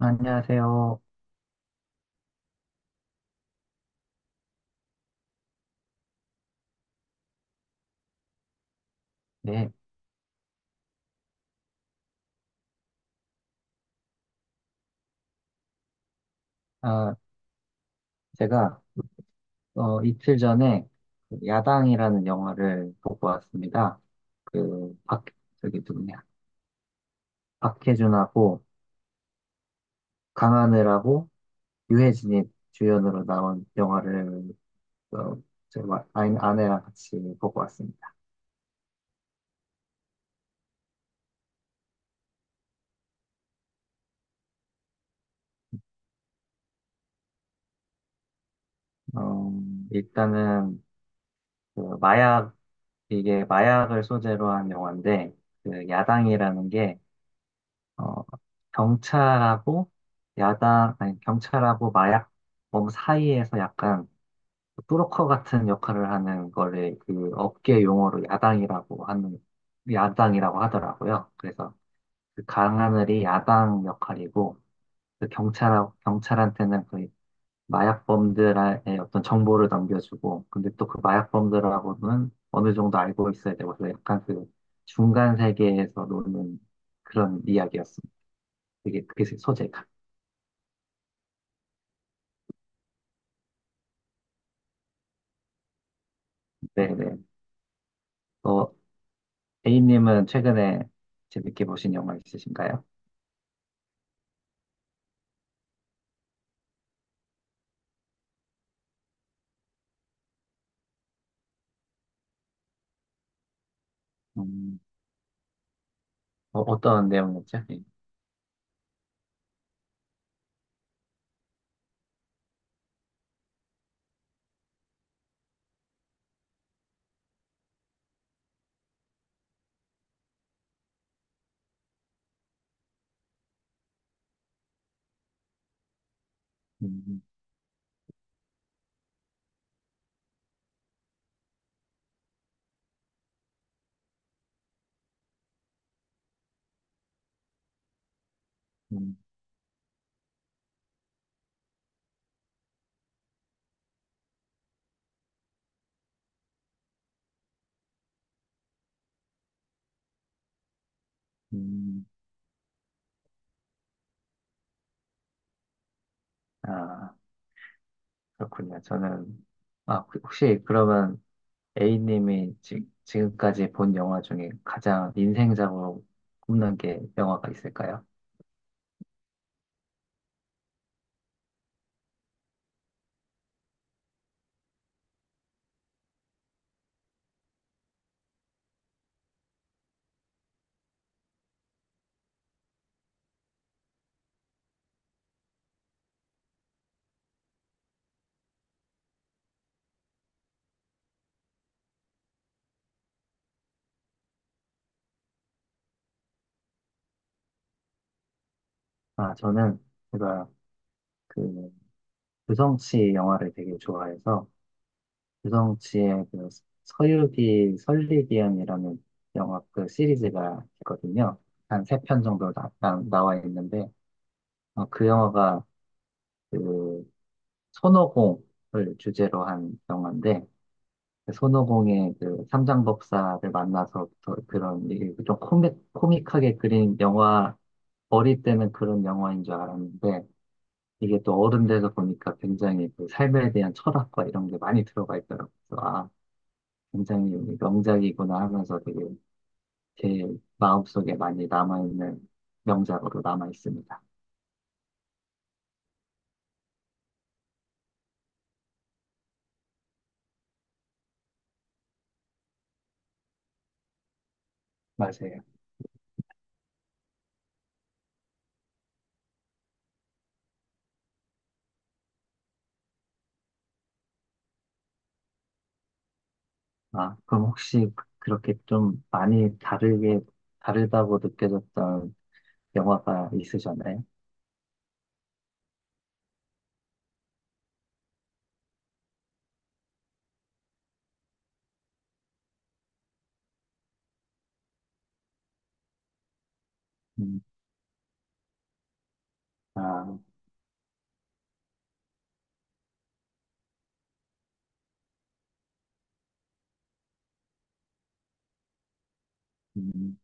안녕하세요. 네, 아, 제가 이틀 전에 그 야당이라는 영화를 보고 왔습니다. 그 박, 저기 누구냐, 박해준하고 강하늘하고 유해진이 주연으로 나온 영화를 어, 제 아내랑 같이 보고 왔습니다. 어, 일단은 그 마약 이게 마약을 소재로 한 영화인데 그 야당이라는 게 어, 경찰하고 야당, 아니, 경찰하고 마약범 사이에서 약간 브로커 같은 역할을 하는 거를 그 업계 용어로 야당이라고 하더라고요. 그래서 그 강하늘이 야당 역할이고, 경찰한테는 그 마약범들의 어떤 정보를 넘겨주고, 근데 또 그 마약범들하고는 어느 정도 알고 있어야 되고, 그래서 약간 그 중간 세계에서 노는 그런 이야기였습니다. 되게 그 소재가. 네네. 어, A님은 최근에 재밌게 보신 영화 있으신가요? 음, 어떤 내용이었죠? 예. 음, 음, 음. 아, 그렇군요. 아, 혹시 그러면 A님이 지금까지 본 영화 중에 가장 인생작으로 꼽는 게 영화가 있을까요? 아, 저는 제가 그 유성 씨 영화를 되게 좋아해서 유성치의 그 서유기 설리기연이라는 영화 그 시리즈가 있거든요. 한 세 편 정도 나와 있는데 그 영화가 그 손오공을 주제로 한 영화인데 그 손오공의 그 삼장법사를 만나서부터 그런 이게 좀 코믹하게 그린 영화 어릴 때는 그런 영화인 줄 알았는데 이게 또 어른 돼서 보니까 굉장히 그 삶에 대한 철학과 이런 게 많이 들어가 있더라고요. 아, 굉장히 명작이구나 하면서 되게 제 마음속에 많이 남아있는 명작으로 남아있습니다. 맞아요. 아, 그럼 혹시 그렇게 좀 많이 다르게, 다르다고 느껴졌던 영화가 있으셨나요? 음, 아, 음,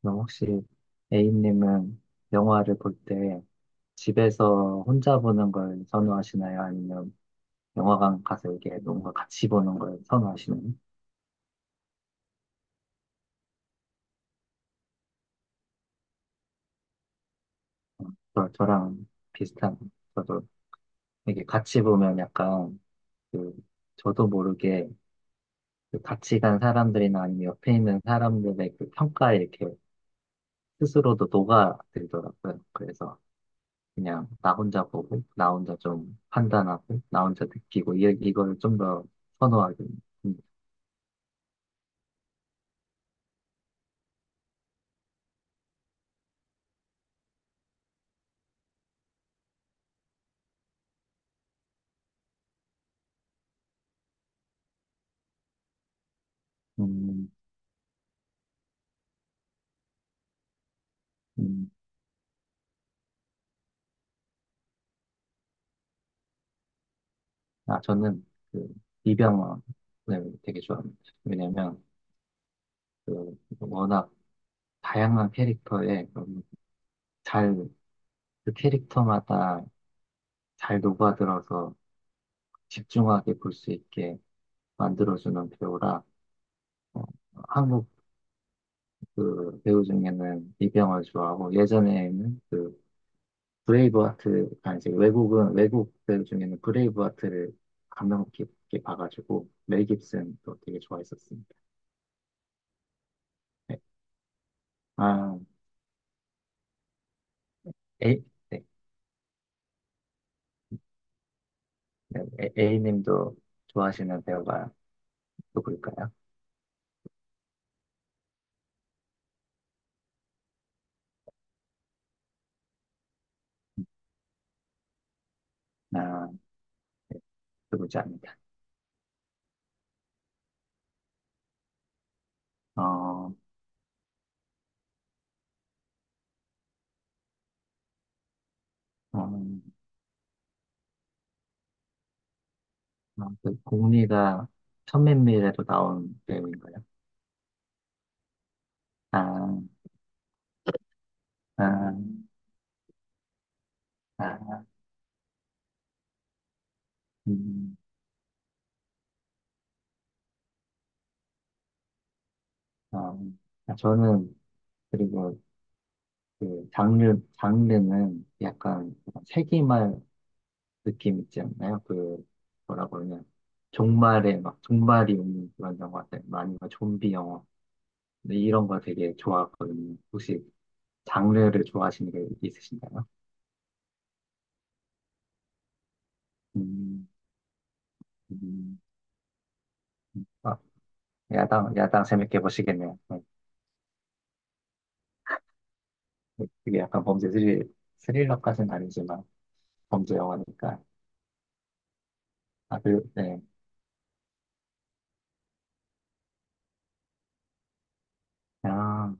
그럼 혹시 A님은 영화를 볼 때 집에서 혼자 보는 걸 선호하시나요? 아니면 영화관 가서 이게 뭔가 같이 보는 걸 선호하시나요? 저랑 비슷한, 저도 이게 같이 보면 약간 그 저도 모르게 그 같이 간 사람들이나 아니면 옆에 있는 사람들의 그 평가에 이렇게 스스로도 녹아들더라고요. 그래서 그냥 나 혼자 보고 나 혼자 좀 판단하고 나 혼자 느끼고 이걸 좀 더 선호하게 됩니다. 음, 음, 아 저는 그 이병헌을 되게 좋아합니다. 왜냐면 그 워낙 다양한 캐릭터에 너무 잘그 캐릭터마다 잘 녹아들어서 집중하게 볼 수 있게 만들어주는 배우라 어, 한국 그 배우 중에는 이병헌 좋아하고 예전에는 그 브레이브하트 아 이제 외국은 외국 배우 중에는 브레이브하트를 감명 깊게 봐가지고 멜 깁슨도 되게 좋아했었습니다. 네. 아 A 네. 네. A님도 좋아하시는 배우가 누굴까요? 아 네. 누구지 압니다. 어, 음, 어, 그 공리가 천맨미래도 나온 배우인가요? 아 아, 아, 음, 어, 아, 저는 그리고 장르는 약간 세기말 느낌 있지 않나요? 그 뭐라고 하냐 종말에 막 종말이 오는 그런 영화들 좀비 영화 근데 이런 거 되게 좋아하거든요. 혹시 장르를 좋아하시는 게 있으신가요? 음, 음, 아, 야당 재밌게 보시겠네요. 네. 그게 약간 범죄 스릴 스릴러까지는 아니지만 범죄 영화니까 아, 그, 네. 아,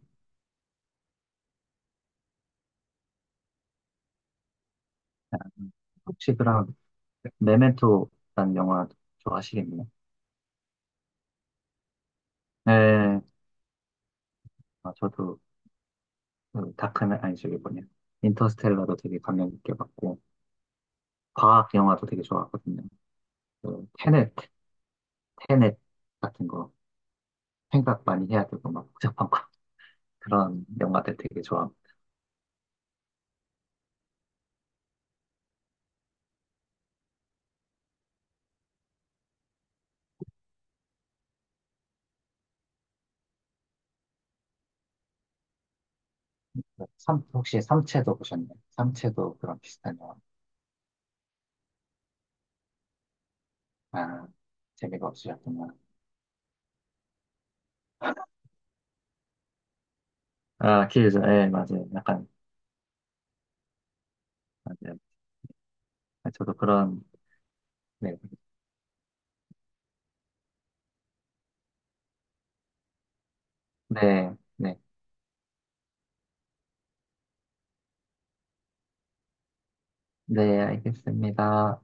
혹시 그럼 메멘토라는 영화 좋아하시겠네요. 네, 아, 저도 그 다크맨 아니 저기 뭐냐 인터스텔라도 되게 감명 깊게 봤고 과학 영화도 되게 좋아하거든요. 그 테넷 테넷 같은 거 생각 많이 해야 되고 막 복잡한 거 그런 영화들 되게 좋아합니다. 삼 혹시 삼체도 보셨나요? 삼체도 그런 비슷한 영화. 아 재미가 없으셨구나. 아 기회죠. 예 맞아요. 약간 맞아요. 저도 그런 네 네, 네. 네, 알겠습니다.